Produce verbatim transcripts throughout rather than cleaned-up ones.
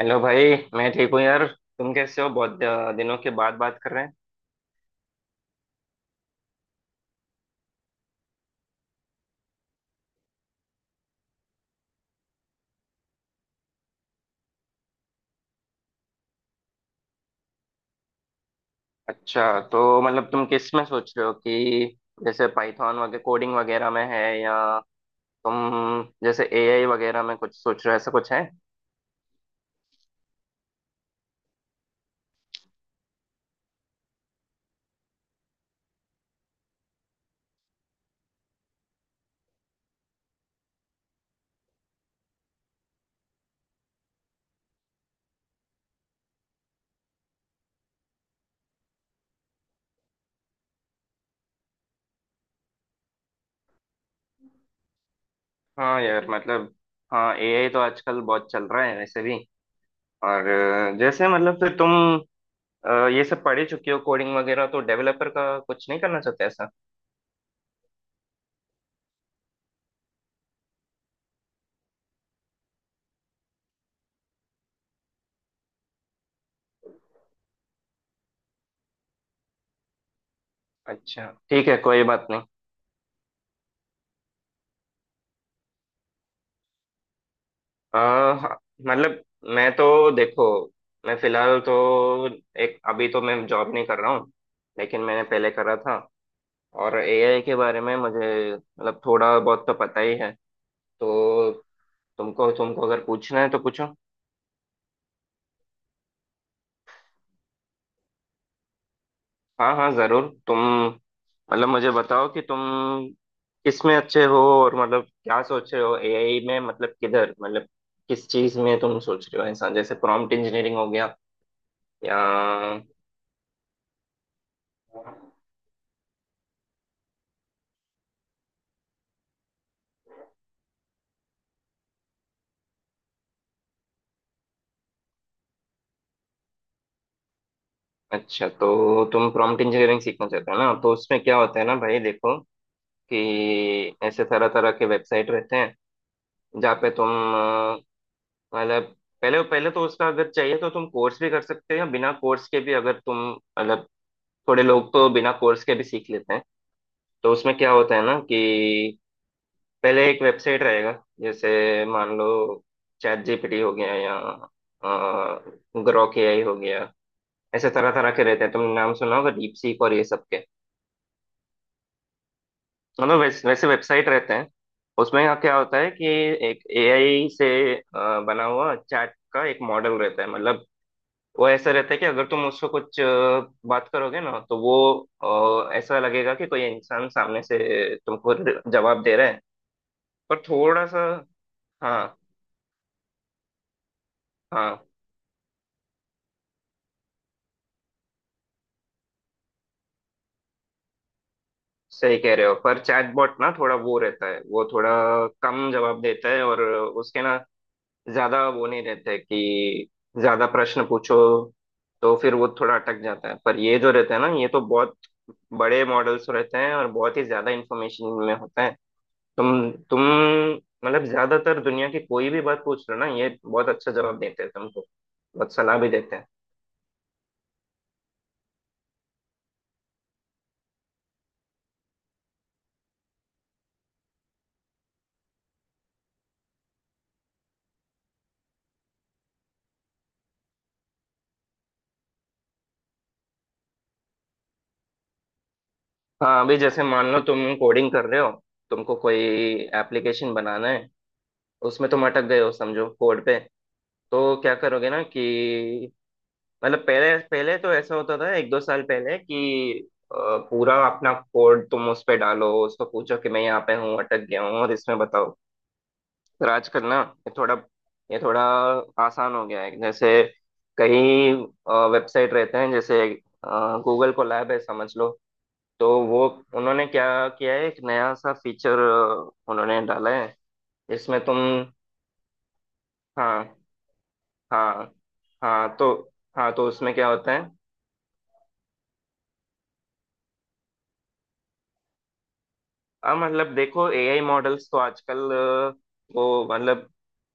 Hello भाई। मैं ठीक हूँ यार। तुम कैसे हो? बहुत द- दिनों के बाद बात कर रहे हैं। अच्छा, तो मतलब तुम किस में सोच रहे हो कि जैसे पाइथन वगैरह कोडिंग वगैरह में है, या तुम जैसे ए आई वगैरह में कुछ सोच रहे हो, ऐसा कुछ है? हाँ यार मतलब, हाँ ए आई तो आजकल बहुत चल रहा है वैसे भी। और अ, जैसे मतलब फिर तुम अ, ये सब पढ़ ही चुकी हो कोडिंग वगैरह, तो डेवलपर का कुछ नहीं करना चाहते ऐसा? अच्छा ठीक है, कोई बात नहीं। अ, हाँ, मतलब मैं तो देखो, मैं फिलहाल तो, एक अभी तो मैं जॉब नहीं कर रहा हूँ लेकिन मैंने पहले करा था। और एआई के बारे में मुझे मतलब थोड़ा बहुत तो पता ही है। तो तुमको तुमको अगर पूछना है तो पूछो। हाँ हाँ, जरूर। तुम मतलब मुझे बताओ कि तुम किस में अच्छे हो, और मतलब क्या सोच रहे हो ए आई में, मतलब किधर, मतलब किस चीज में तुम सोच रहे हो, ऐसा जैसे प्रॉम्प्ट इंजीनियरिंग हो गया या? अच्छा, तो तुम प्रॉम्प्ट इंजीनियरिंग सीखना चाहते हो ना? तो उसमें क्या होता है ना भाई, देखो कि ऐसे तरह तरह के वेबसाइट रहते हैं जहाँ पे तुम अ, मतलब पहले पहले तो उसका अगर चाहिए तो तुम कोर्स भी कर सकते हो, या बिना कोर्स के भी अगर तुम मतलब, थोड़े लोग तो बिना कोर्स के भी सीख लेते हैं। तो उसमें क्या होता है ना कि पहले एक वेबसाइट रहेगा, जैसे मान लो चैट जी पी टी हो गया या ग्रोक ए आई हो गया। ऐसे तरह तरह के रहते हैं, तुमने नाम सुना होगा डीप सीक और ये सब के। मतलब वैसे, वैसे वेबसाइट रहते हैं। उसमें यहाँ क्या होता है कि एक ए आई से अ, बना हुआ चैट का एक मॉडल रहता है। मतलब वो ऐसा रहता है कि अगर तुम उसको कुछ अ, बात करोगे ना तो वो अ, ऐसा लगेगा कि कोई इंसान सामने से तुमको जवाब दे रहा है, पर थोड़ा सा। हाँ हाँ, सही कह रहे हो। पर चैटबॉट ना थोड़ा वो रहता है, वो थोड़ा कम जवाब देता है, और उसके ना ज्यादा वो नहीं रहते कि ज्यादा प्रश्न पूछो तो फिर वो थोड़ा अटक जाता है। पर ये जो रहता है ना, ये तो बहुत बड़े मॉडल्स रहते हैं, और बहुत ही ज्यादा इंफॉर्मेशन में होता है। तुम तुम मतलब ज्यादातर दुनिया की कोई भी बात पूछ लो ना, ये बहुत अच्छा जवाब देते हैं तुमको, बहुत सलाह भी देते हैं। हाँ अभी जैसे मान लो तुम कोडिंग कर रहे हो, तुमको कोई एप्लीकेशन बनाना है, उसमें तुम अटक गए हो समझो कोड पे। तो क्या करोगे ना कि मतलब पहले पहले तो ऐसा होता था एक दो साल पहले कि अ, पूरा अपना कोड तुम उस पे डालो, उसको पूछो कि मैं यहाँ पे हूँ अटक गया हूँ और इसमें बताओ। पर आजकल ना ये थोड़ा ये थोड़ा आसान हो गया है। जैसे कई वेबसाइट रहते हैं, जैसे गूगल कोलैब है समझ लो, तो वो उन्होंने क्या किया है, एक नया सा फीचर उन्होंने डाला है जिसमें तुम, हाँ हाँ हाँ। तो हाँ, तो उसमें क्या होता है। अब मतलब देखो ए आई मॉडल्स तो आजकल अ, वो मतलब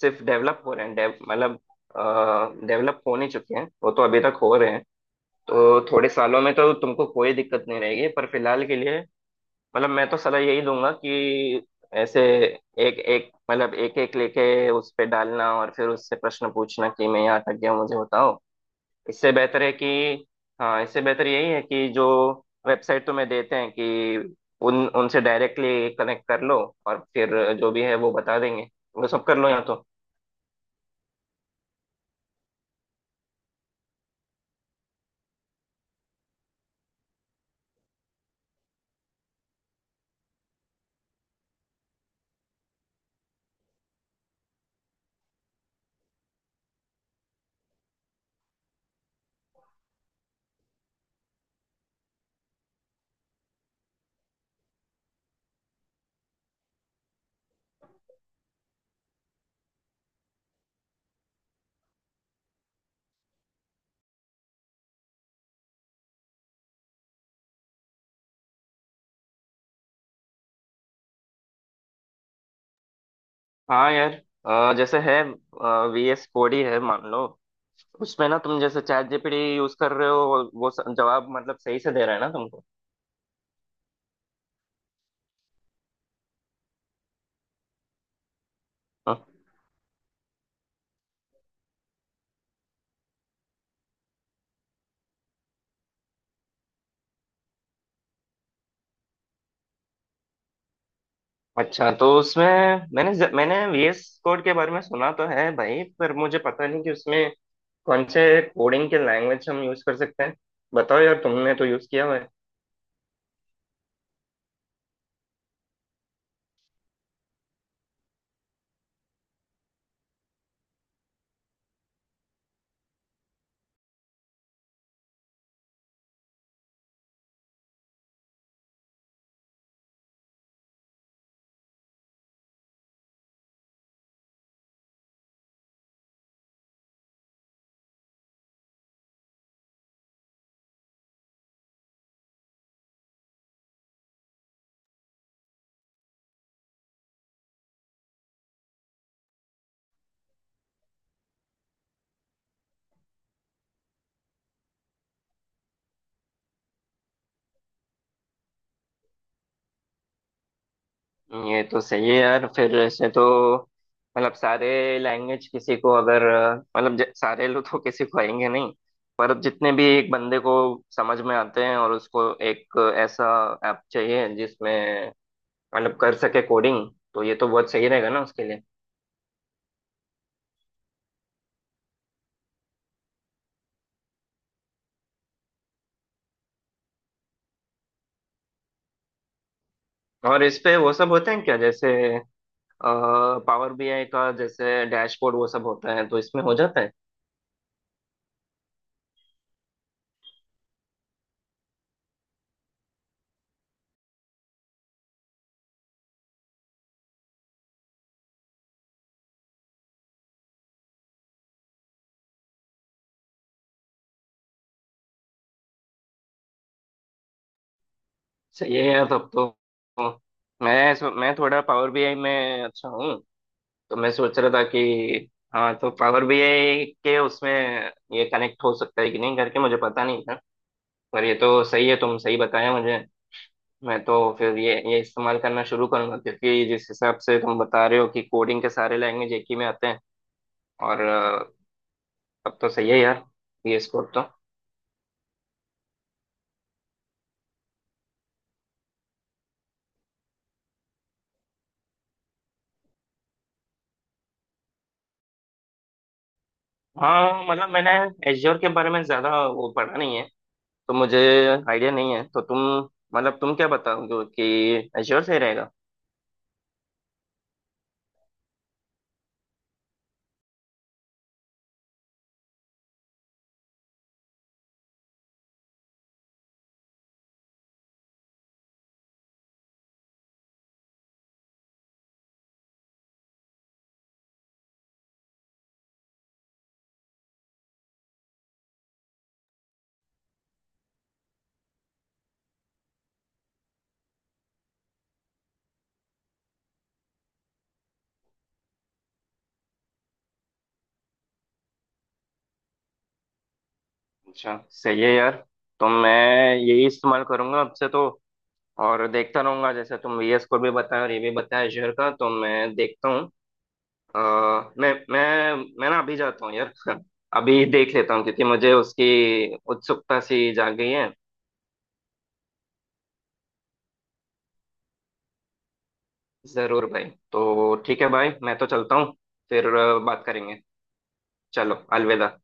सिर्फ डेवलप हो रहे हैं, डेव मतलब डेवलप हो नहीं चुके हैं, वो तो अभी तक हो रहे हैं। तो थोड़े सालों में तो तुमको कोई दिक्कत नहीं रहेगी पर फिलहाल के लिए मतलब मैं तो सलाह यही दूंगा कि ऐसे एक एक मतलब एक एक लेके उस पे डालना और फिर उससे प्रश्न पूछना कि मैं यहाँ तक गया हूँ, मुझे बताओ। इससे बेहतर है कि, हाँ इससे बेहतर यही है कि जो वेबसाइट तुम्हें देते हैं कि उन उनसे डायरेक्टली कनेक्ट कर लो, और फिर जो भी है वो बता देंगे, वो सब कर लो या तो। हाँ यार। अ, जैसे है वी एस कोड ही है मान लो, उसमें ना तुम जैसे chat G P T use कर रहे हो, वो स- जवाब मतलब सही से दे रहा है ना तुमको? हाँ। अच्छा तो उसमें मैंने ज- मैंने वी एस कोड के बारे में सुना तो है भाई, पर मुझे पता नहीं कि उसमें कौन से कोडिंग के लैंग्वेज हम यूज कर सकते हैं। बताओ यार, तुमने तो यूज किया हुआ है। ये तो सही है यार। फिर ऐसे तो मतलब सारे लैंग्वेज किसी को अगर मतलब ज- सारे लोग तो किसी को आएंगे नहीं, पर अब जितने भी एक बंदे को समझ में आते हैं, और उसको एक ऐसा ऐप चाहिए जिसमें मतलब कर सके कोडिंग, तो ये तो बहुत सही रहेगा ना उसके लिए। और इस पे वो सब होते हैं क्या, जैसे पावर बी आई का जैसे डैशबोर्ड वो सब होता है तो इसमें हो जाता है? सही है यार तब तो। मैं सो, मैं थोड़ा पावर बी आई में अच्छा हूँ, तो मैं सोच रहा था कि, हाँ तो पावर बी आई के उसमें ये कनेक्ट हो सकता है कि नहीं करके मुझे पता नहीं था, पर ये तो सही है, तुम सही बताया मुझे। मैं तो फिर ये ये इस्तेमाल करना शुरू करूंगा क्योंकि जिस हिसाब से तुम बता रहे हो कि कोडिंग के सारे लैंग्वेज एक ही में आते हैं। और अ, तब तो सही है यार, ये स्कोप तो। हाँ मतलब मैंने एज्योर के बारे में ज्यादा वो पढ़ा नहीं है, तो मुझे आइडिया नहीं है। तो तुम मतलब तुम क्या बताओगे कि एश्योर सही रहेगा? अच्छा सही है यार। तो मैं यही इस्तेमाल करूंगा अब से, तो और देखता रहूंगा जैसे तुम वी एस को भी बताया और ये भी बताया एश्योर का, तो मैं देखता हूँ। अ, मैं मैं मैं ना अभी जाता हूँ यार। अभी देख लेता हूँ क्योंकि मुझे उसकी उत्सुकता सी जाग गई है। जरूर भाई। तो ठीक है भाई, मैं तो चलता हूँ। फिर अ, बात करेंगे। चलो, अलविदा।